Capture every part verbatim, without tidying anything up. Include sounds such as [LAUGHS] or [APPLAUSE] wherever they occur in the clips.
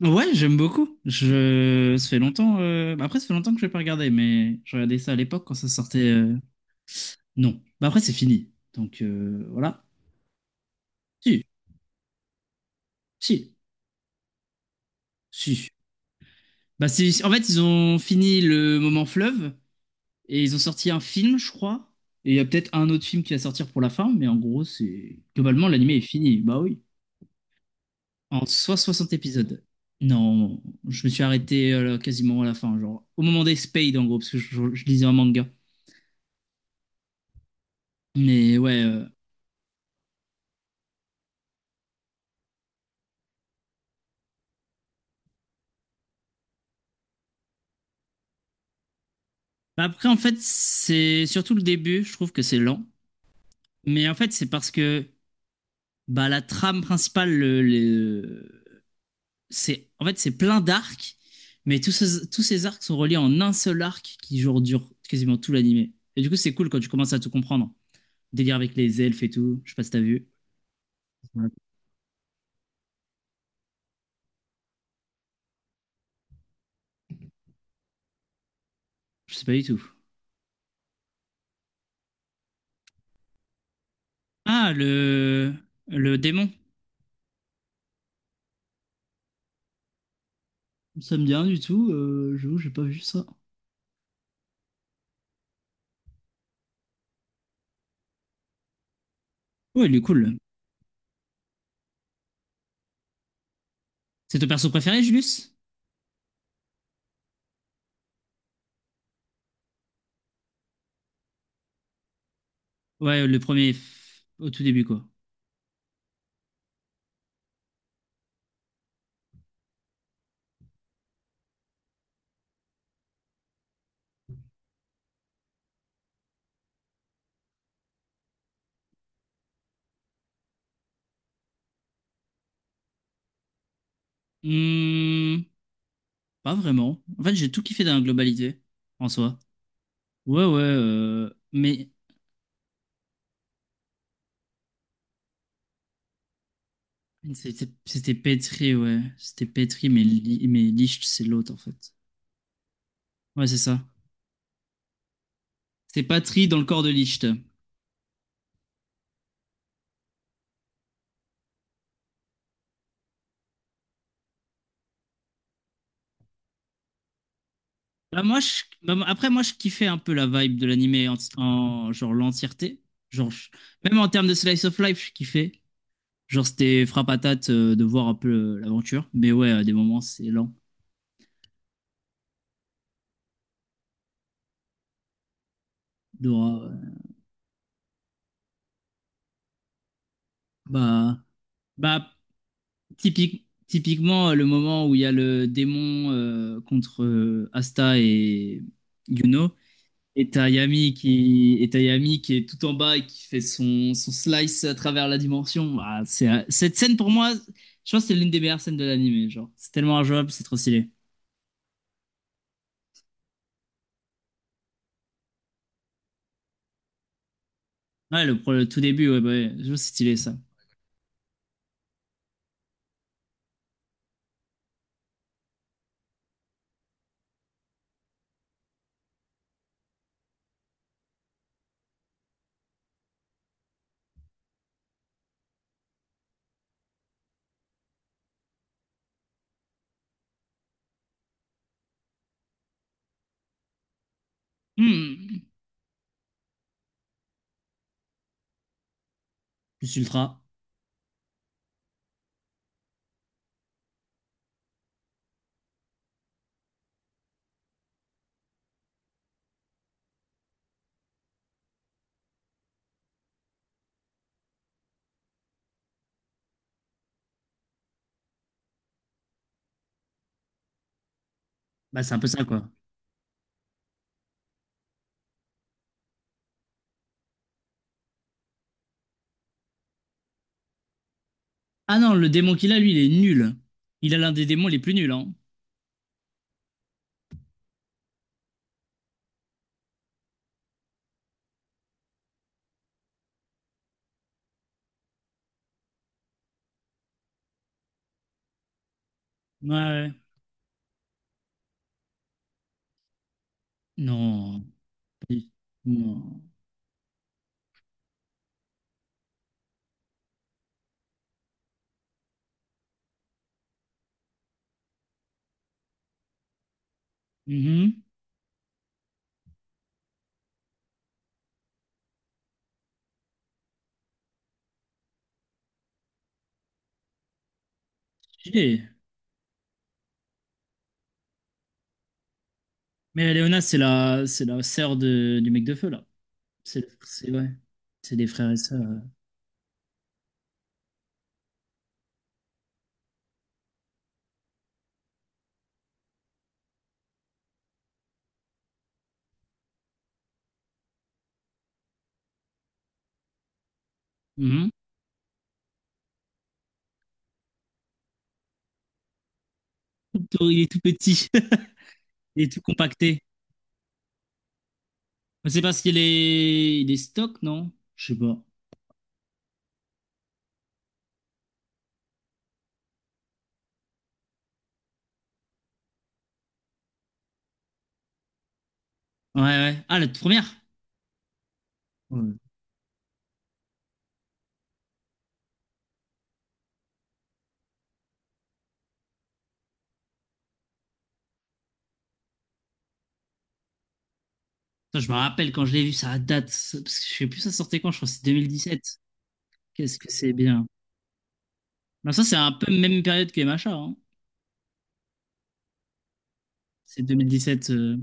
Ouais, j'aime beaucoup. Je... Ça fait longtemps. Euh, bah, après, ça fait longtemps que je vais pas regarder, mais je regardais ça à l'époque quand ça sortait. euh, Non. Bah, après, c'est fini. Donc, euh, voilà. Si, si, si. Bah c'est. En fait, ils ont fini le moment fleuve et ils ont sorti un film, je crois. Et il y a peut-être un autre film qui va sortir pour la fin, mais en gros, c'est, globalement, l'anime est fini. Bah oui. En soit soixante épisodes. Non, je me suis arrêté, euh, quasiment à la fin, genre au moment des Spades, en gros, parce que je, je- je lisais un manga. Mais ouais. euh, Bah, après, en fait, c'est surtout le début, je trouve que c'est lent. Mais en fait, c'est parce que, bah, la trame principale, le, le- c'est, en fait, c'est plein d'arcs, mais tous ces, tous ces arcs sont reliés en un seul arc qui, genre, dure quasiment tout l'animé. Et du coup, c'est cool quand tu commences à tout comprendre. Délire avec les elfes et tout, je sais pas si t'as vu. Ouais. Je sais pas du tout. Ah, le, le démon. Ça me dit rien du tout, euh, j'avoue, j'ai pas vu ça. Ouais, il est cool. C'est ton perso préféré, Julius? Ouais, le premier f- au tout début, quoi. Hmm, pas vraiment. En fait, j'ai tout kiffé dans la globalité, en soi. Ouais, ouais, euh, mais c'était c'était pétri, ouais. C'était pétri, mais, Li- mais Licht, c'est l'autre, en fait. Ouais, c'est ça. C'est Patri dans le corps de Licht. Bah, moi, je- bah, après, moi, je kiffais un peu la vibe de l'animé en, en- genre l'entièreté. Genre, je- même en termes de slice of life, je kiffais. Genre, c'était frappe frappatate, euh, de voir un peu, euh, l'aventure. Mais ouais, à des moments, c'est lent. Dora, ouais. Bah. Bah, Typique- typiquement, euh, le moment où il y a le démon, euh, contre, euh, Asta et Yuno, et t'as Yami qui, et t'as Yami qui est tout en bas et qui fait son, son slice à travers la dimension. Ah, c'est, euh, cette scène, pour moi, je pense que c'est l'une des meilleures scènes de l'anime. Genre, c'est tellement injouable, c'est trop stylé. Ouais, le, pro- le tout début, ouais, bah ouais, je vois, c'est stylé ça. Hmm. Plus ultra, bah c'est un peu ça quoi. Ah non, le démon qu'il a, lui, il est nul. Il a l'un des démons les plus nuls, hein. Ouais, ouais. Non. Non. Mhm. Stylé. Mais Léona, c'est la, c'est la sœur de, du mec de feu, là. C'est, c'est, ouais. C'est des frères et sœurs. euh. Mhm. Tout- il est tout petit. [LAUGHS] Il est tout compacté. Mais c'est parce qu'il est, il est stock, non? Je sais pas. Ouais, ouais. Ah, la toute première? Ouais. Putain, je me rappelle quand je l'ai vu, ça date. ça- Parce que je sais plus, ça sortait quand, je crois que c'est sept. Qu'est-ce que c'est bien. Non, ça, c'est un peu même période que M H A, hein. C'est deux mille dix-sept. euh.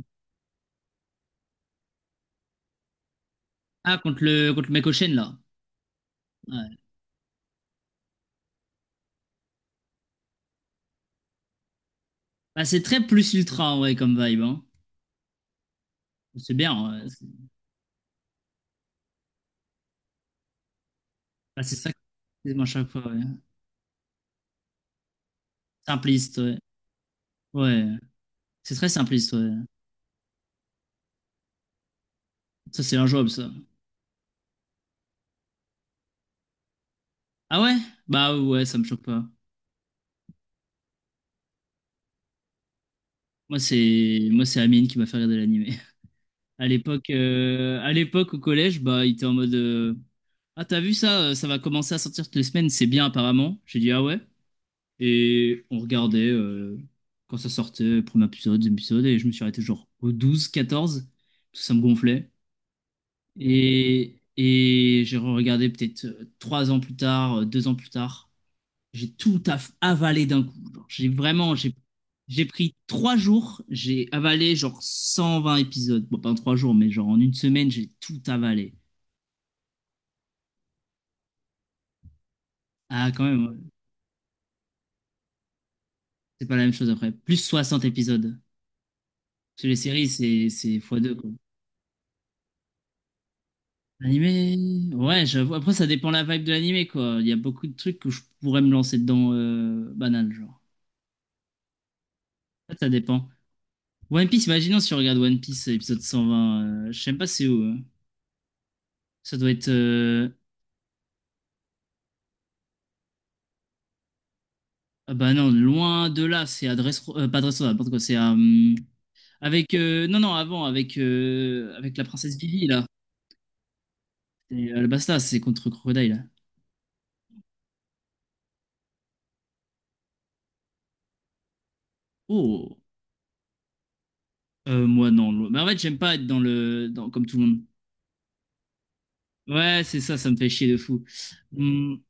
Ah, contre le, contre le mec au chêne, là. Ouais. Bah, c'est très plus ultra, ouais, comme vibe. Hein. C'est bien. Ouais. C'est bah, c'est ça que je dis, moi, à chaque fois. Ouais. Simpliste, ouais. Ouais. C'est très simpliste, ouais. Ça, c'est injouable, ça. Ah ouais? Bah ouais, ça me choque pas. Moi, c'est, moi c'est Amine qui m'a fait regarder l'animé. [LAUGHS] À l'époque, euh, à l'époque, au collège, bah, il était en mode, euh, ah, t'as vu ça? euh, Ça va commencer à sortir toutes les semaines, c'est bien, apparemment. J'ai dit, ah ouais? Et on regardait, euh, quand ça sortait, premier épisode, deuxième épisode, et je me suis arrêté genre au douze quatorze. Tout ça me gonflait. Et, et j'ai regardé peut-être, euh, trois ans plus tard, euh, deux ans plus tard. J'ai tout aff- avalé d'un coup. Genre, j'ai vraiment, j'ai, j'ai pris trois jours, j'ai avalé genre cent vingt épisodes. Bon, pas en trois jours, mais genre en une semaine, j'ai tout avalé. Ah, quand même, ouais. C'est pas la même chose après. Plus soixante épisodes. Parce que les séries, c'est, c'est, x deux, quoi. L'animé, ouais, j'avoue. Après, ça dépend la vibe de l'animé, quoi. Il y a beaucoup de trucs que je pourrais me lancer dedans, euh, banal, genre. Ça, ça dépend. One Piece, imaginons si on regarde One Piece épisode cent vingt, euh, je sais même pas c'est où, hein. Ça doit être. euh, Ah bah non, loin de là, c'est à Dressro- euh, pas Dressrosa, n'importe quoi, c'est à. hum, Avec. euh, Non, non, avant, avec, euh, avec la princesse Vivi, là. Et Alabasta, c'est contre Crocodile, là. Oh! Euh, moi, non. lo- Mais en fait, j'aime pas être dans le. Dans... Comme tout le monde. Ouais, c'est ça, ça me fait chier de fou. Hum,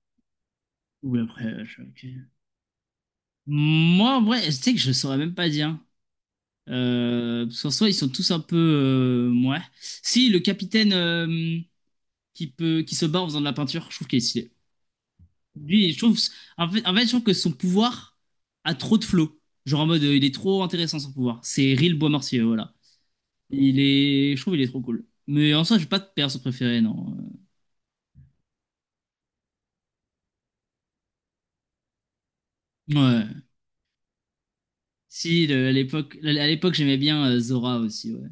Ou après, euh, je- ok. Moi, en vrai, tu sais que je saurais même pas dire. Euh, parce qu'en soi, ils sont tous un peu. Euh, ouais. Si, le capitaine, euh, qui peut, qui se bat en faisant de la peinture, je trouve qu'il est stylé. Lui, je trouve. En fait, en fait, je trouve que son pouvoir a trop de flow. Genre en mode, euh, il est trop intéressant son pouvoir. C'est Ril bois, voilà. Il est. Je trouve qu'il est trop cool. Mais en soi, j'ai pas de perso préféré, non. Euh, Ouais. Si, le- à l'époque, à l'époque, j'aimais bien, euh, Zora aussi, ouais.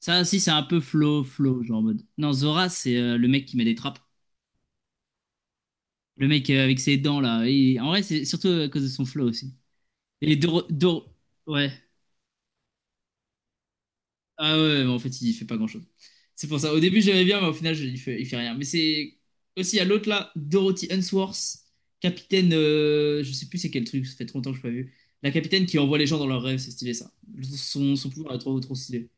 Ça aussi, c'est un peu flow, flow, genre en mode. Non, Zora, c'est, euh, le mec qui met des trappes. Le mec, euh, avec ses dents là. il- En vrai, c'est surtout à cause de son flow aussi. Et Doro... Doro- Ouais. Ah ouais, ouais, mais en fait, il fait pas grand-chose. C'est pour ça. Au début, j'aimais bien, mais au final, je- il fait, il fait rien. Mais c'est aussi à l'autre là, Dorothy Unsworth, capitaine. euh, Je sais plus c'est quel truc, ça fait trop longtemps que je l'ai pas vu. La capitaine qui envoie les gens dans leurs rêves, c'est stylé ça. Son, son pouvoir est trop, trop stylé.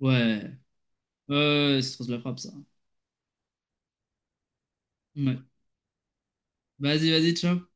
Ouais. Ouais, ouais, ouais, c'est trop de la frappe ça. Ouais. Vas-y, vas-y, ciao.